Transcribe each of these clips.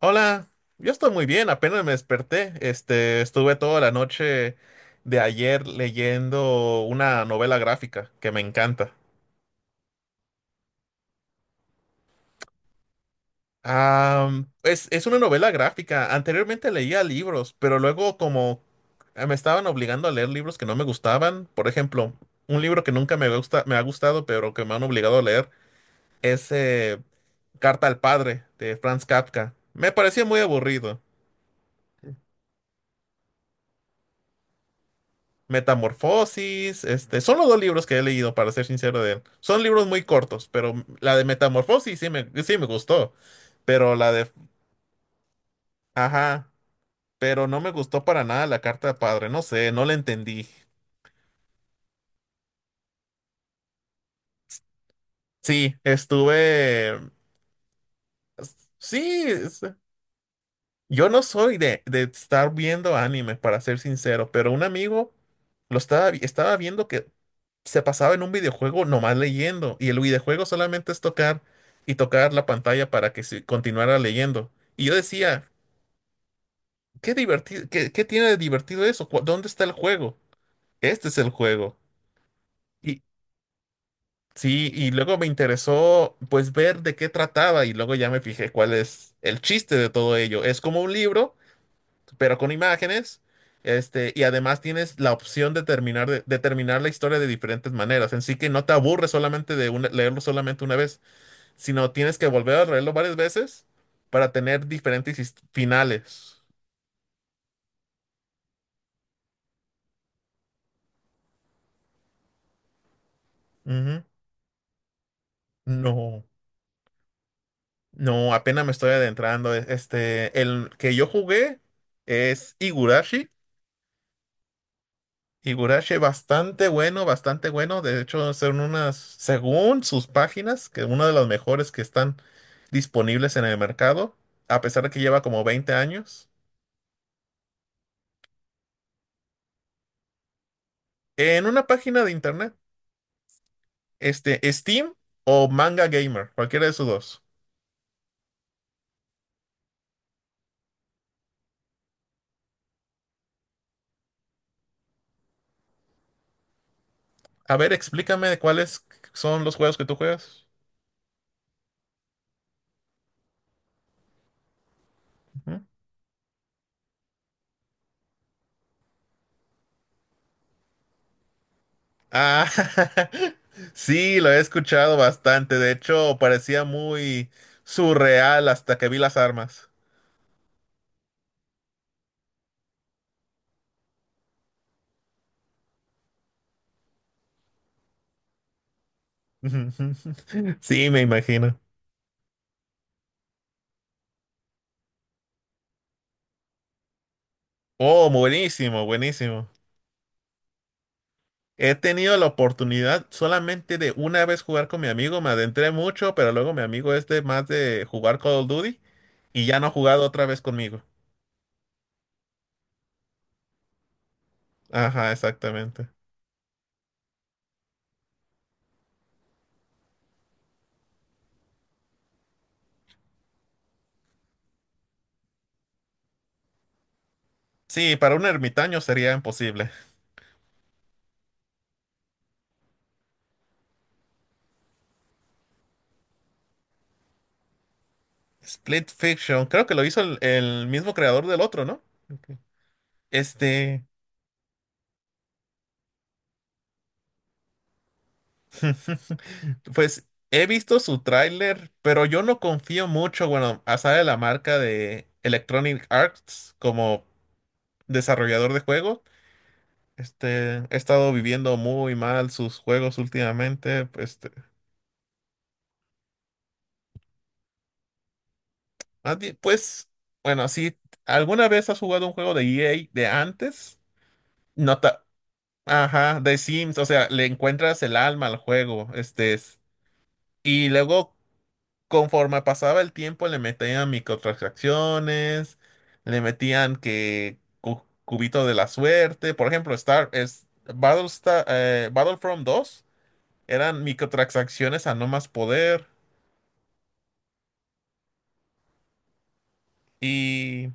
Hola, yo estoy muy bien, apenas me desperté. Estuve toda la noche de ayer leyendo una novela gráfica que me encanta. Es una novela gráfica. Anteriormente leía libros, pero luego como me estaban obligando a leer libros que no me gustaban. Por ejemplo, un libro que nunca me ha gustado, pero que me han obligado a leer es Carta al Padre de Franz Kafka. Me parecía muy aburrido. Metamorfosis, son los dos libros que he leído, para ser sincero de él. Son libros muy cortos, pero la de Metamorfosis sí me gustó, pero la de, ajá, pero no me gustó para nada la carta de padre, no sé, no la entendí. Sí, sí, yo no soy de estar viendo anime, para ser sincero, pero un amigo lo estaba viendo que se pasaba en un videojuego nomás leyendo, y el videojuego solamente es tocar y tocar la pantalla para que se continuara leyendo. Y yo decía, qué divertido, ¿qué tiene de divertido eso? ¿Dónde está el juego? Este es el juego. Y sí, y luego me interesó pues ver de qué trataba, y luego ya me fijé cuál es el chiste de todo ello. Es como un libro pero con imágenes. Y además tienes la opción de de terminar la historia de diferentes maneras. En sí que no te aburres solamente leerlo solamente una vez, sino tienes que volver a leerlo varias veces para tener diferentes finales. Ujú. No, no, apenas me estoy adentrando. El que yo jugué es Higurashi. Higurashi bastante bueno, bastante bueno. De hecho, son unas, según sus páginas, que una de las mejores que están disponibles en el mercado, a pesar de que lleva como 20 años. En una página de internet, Steam o Manga Gamer, cualquiera de esos dos. A ver, explícame de cuáles son los juegos que tú juegas. Ujú. Ah, sí, lo he escuchado bastante. De hecho, parecía muy surreal hasta que vi las armas. Sí, me imagino. Oh, buenísimo, buenísimo. He tenido la oportunidad solamente de una vez jugar con mi amigo, me adentré mucho, pero luego mi amigo es de más de jugar Call of Duty y ya no ha jugado otra vez conmigo. Ajá, exactamente. Sí, para un ermitaño sería imposible. Split Fiction, creo que lo hizo el mismo creador del otro, ¿no? Ok. Este, pues he visto su tráiler, pero yo no confío mucho, bueno, a saber la marca de Electronic Arts como desarrollador de juegos. He estado viviendo muy mal sus juegos últimamente. Más bien, pues, bueno, si alguna vez has jugado un juego de EA de antes, nota, ajá, de Sims, o sea, le encuentras el alma al juego, y luego conforme pasaba el tiempo le metían microtransacciones, le metían que cubito de la suerte, por ejemplo, Star es Battlestar, Battlefront 2 eran microtransacciones a no más poder y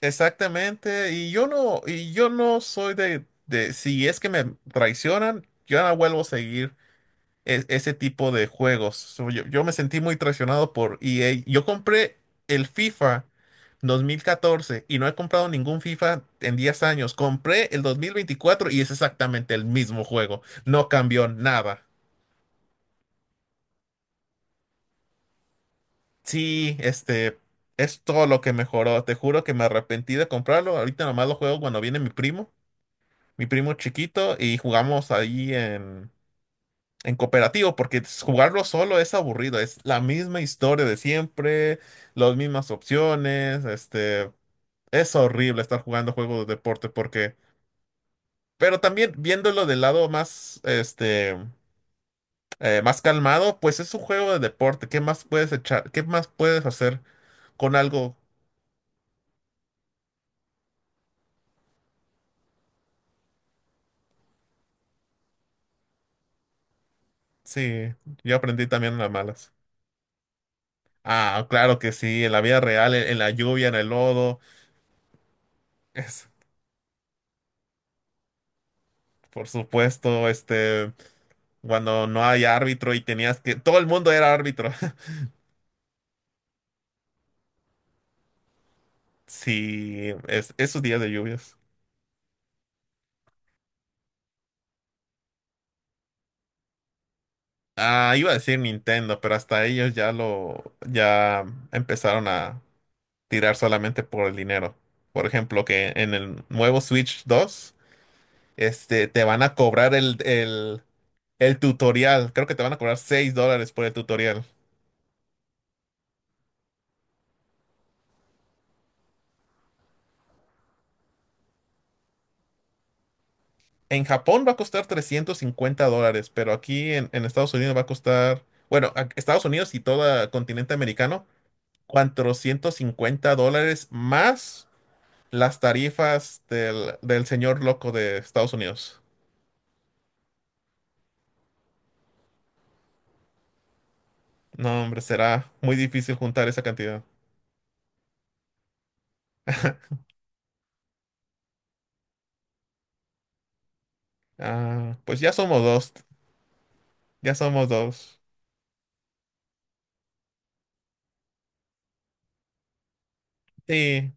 exactamente y yo no soy de si es que me traicionan, yo no vuelvo a seguir ese tipo de juegos. So, yo me sentí muy traicionado por EA. Yo compré el FIFA 2014 y no he comprado ningún FIFA en 10 años. Compré el 2024 y es exactamente el mismo juego. No cambió nada. Sí, este es todo lo que mejoró. Te juro que me arrepentí de comprarlo. Ahorita nomás lo juego cuando viene mi primo chiquito, y jugamos ahí en cooperativo, porque jugarlo solo es aburrido, es la misma historia de siempre, las mismas opciones, es horrible estar jugando juegos de deporte porque, pero también viéndolo del lado más, más calmado, pues es un juego de deporte, ¿qué más puedes echar? ¿Qué más puedes hacer con algo? Sí, yo aprendí también en las malas. Ah, claro que sí, en la vida real, en la lluvia, en el lodo, es, por supuesto, cuando no hay árbitro y tenías que... Todo el mundo era árbitro. Sí, esos días de lluvias. Ah, iba a decir Nintendo, pero hasta ellos ya lo... ya empezaron a tirar solamente por el dinero. Por ejemplo, que en el nuevo Switch 2, te van a cobrar el tutorial. Creo que te van a cobrar 6 dólares por el tutorial. En Japón va a costar 350 dólares, pero aquí en Estados Unidos va a costar... Bueno, Estados Unidos y todo continente americano 450 dólares más las tarifas del señor loco de Estados Unidos. No, hombre, será muy difícil juntar esa cantidad. Ah, pues ya somos dos, ya somos dos. Sí,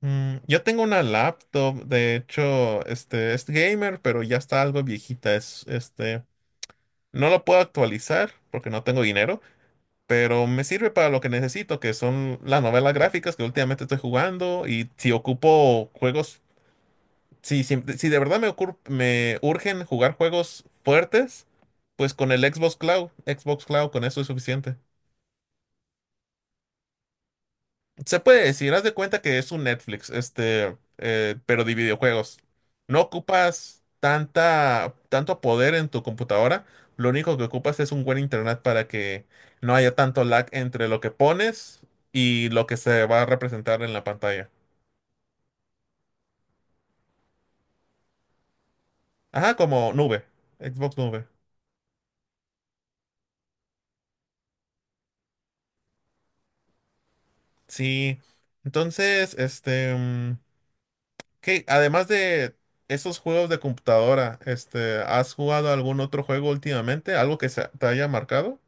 yo tengo una laptop, de hecho, este es gamer, pero ya está algo viejita. No lo puedo actualizar porque no tengo dinero, pero me sirve para lo que necesito, que son las novelas gráficas que últimamente estoy jugando y si ocupo juegos. Si de verdad me urgen jugar juegos fuertes, pues con el Xbox Cloud, con eso es suficiente. Se puede decir, haz de cuenta que es un Netflix, pero de videojuegos. No ocupas tanto poder en tu computadora. Lo único que ocupas es un buen internet para que no haya tanto lag entre lo que pones y lo que se va a representar en la pantalla. Ajá, como nube, Xbox Nube. Sí. Entonces, ¿qué? Además de esos juegos de computadora, ¿has jugado algún otro juego últimamente? ¿Algo te haya marcado?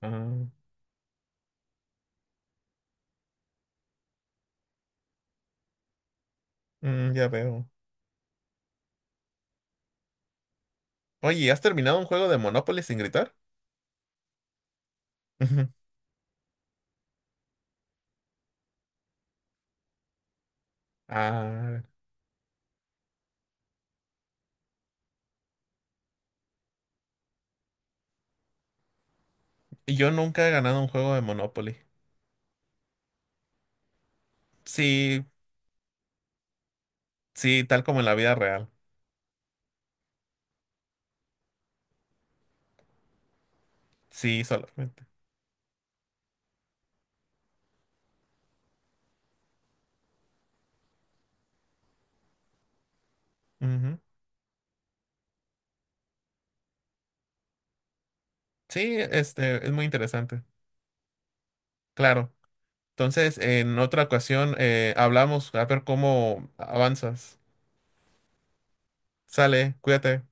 Ah, ya veo. Oye, ¿has terminado un juego de Monopoly sin gritar? Ujú. Ah, yo nunca he ganado un juego de Monopoly. Sí, sí, tal como en la vida real. Sí, solamente. Ujú. Sí, es muy interesante. Claro. Entonces, en otra ocasión, hablamos a ver cómo avanzas. Sale, cuídate.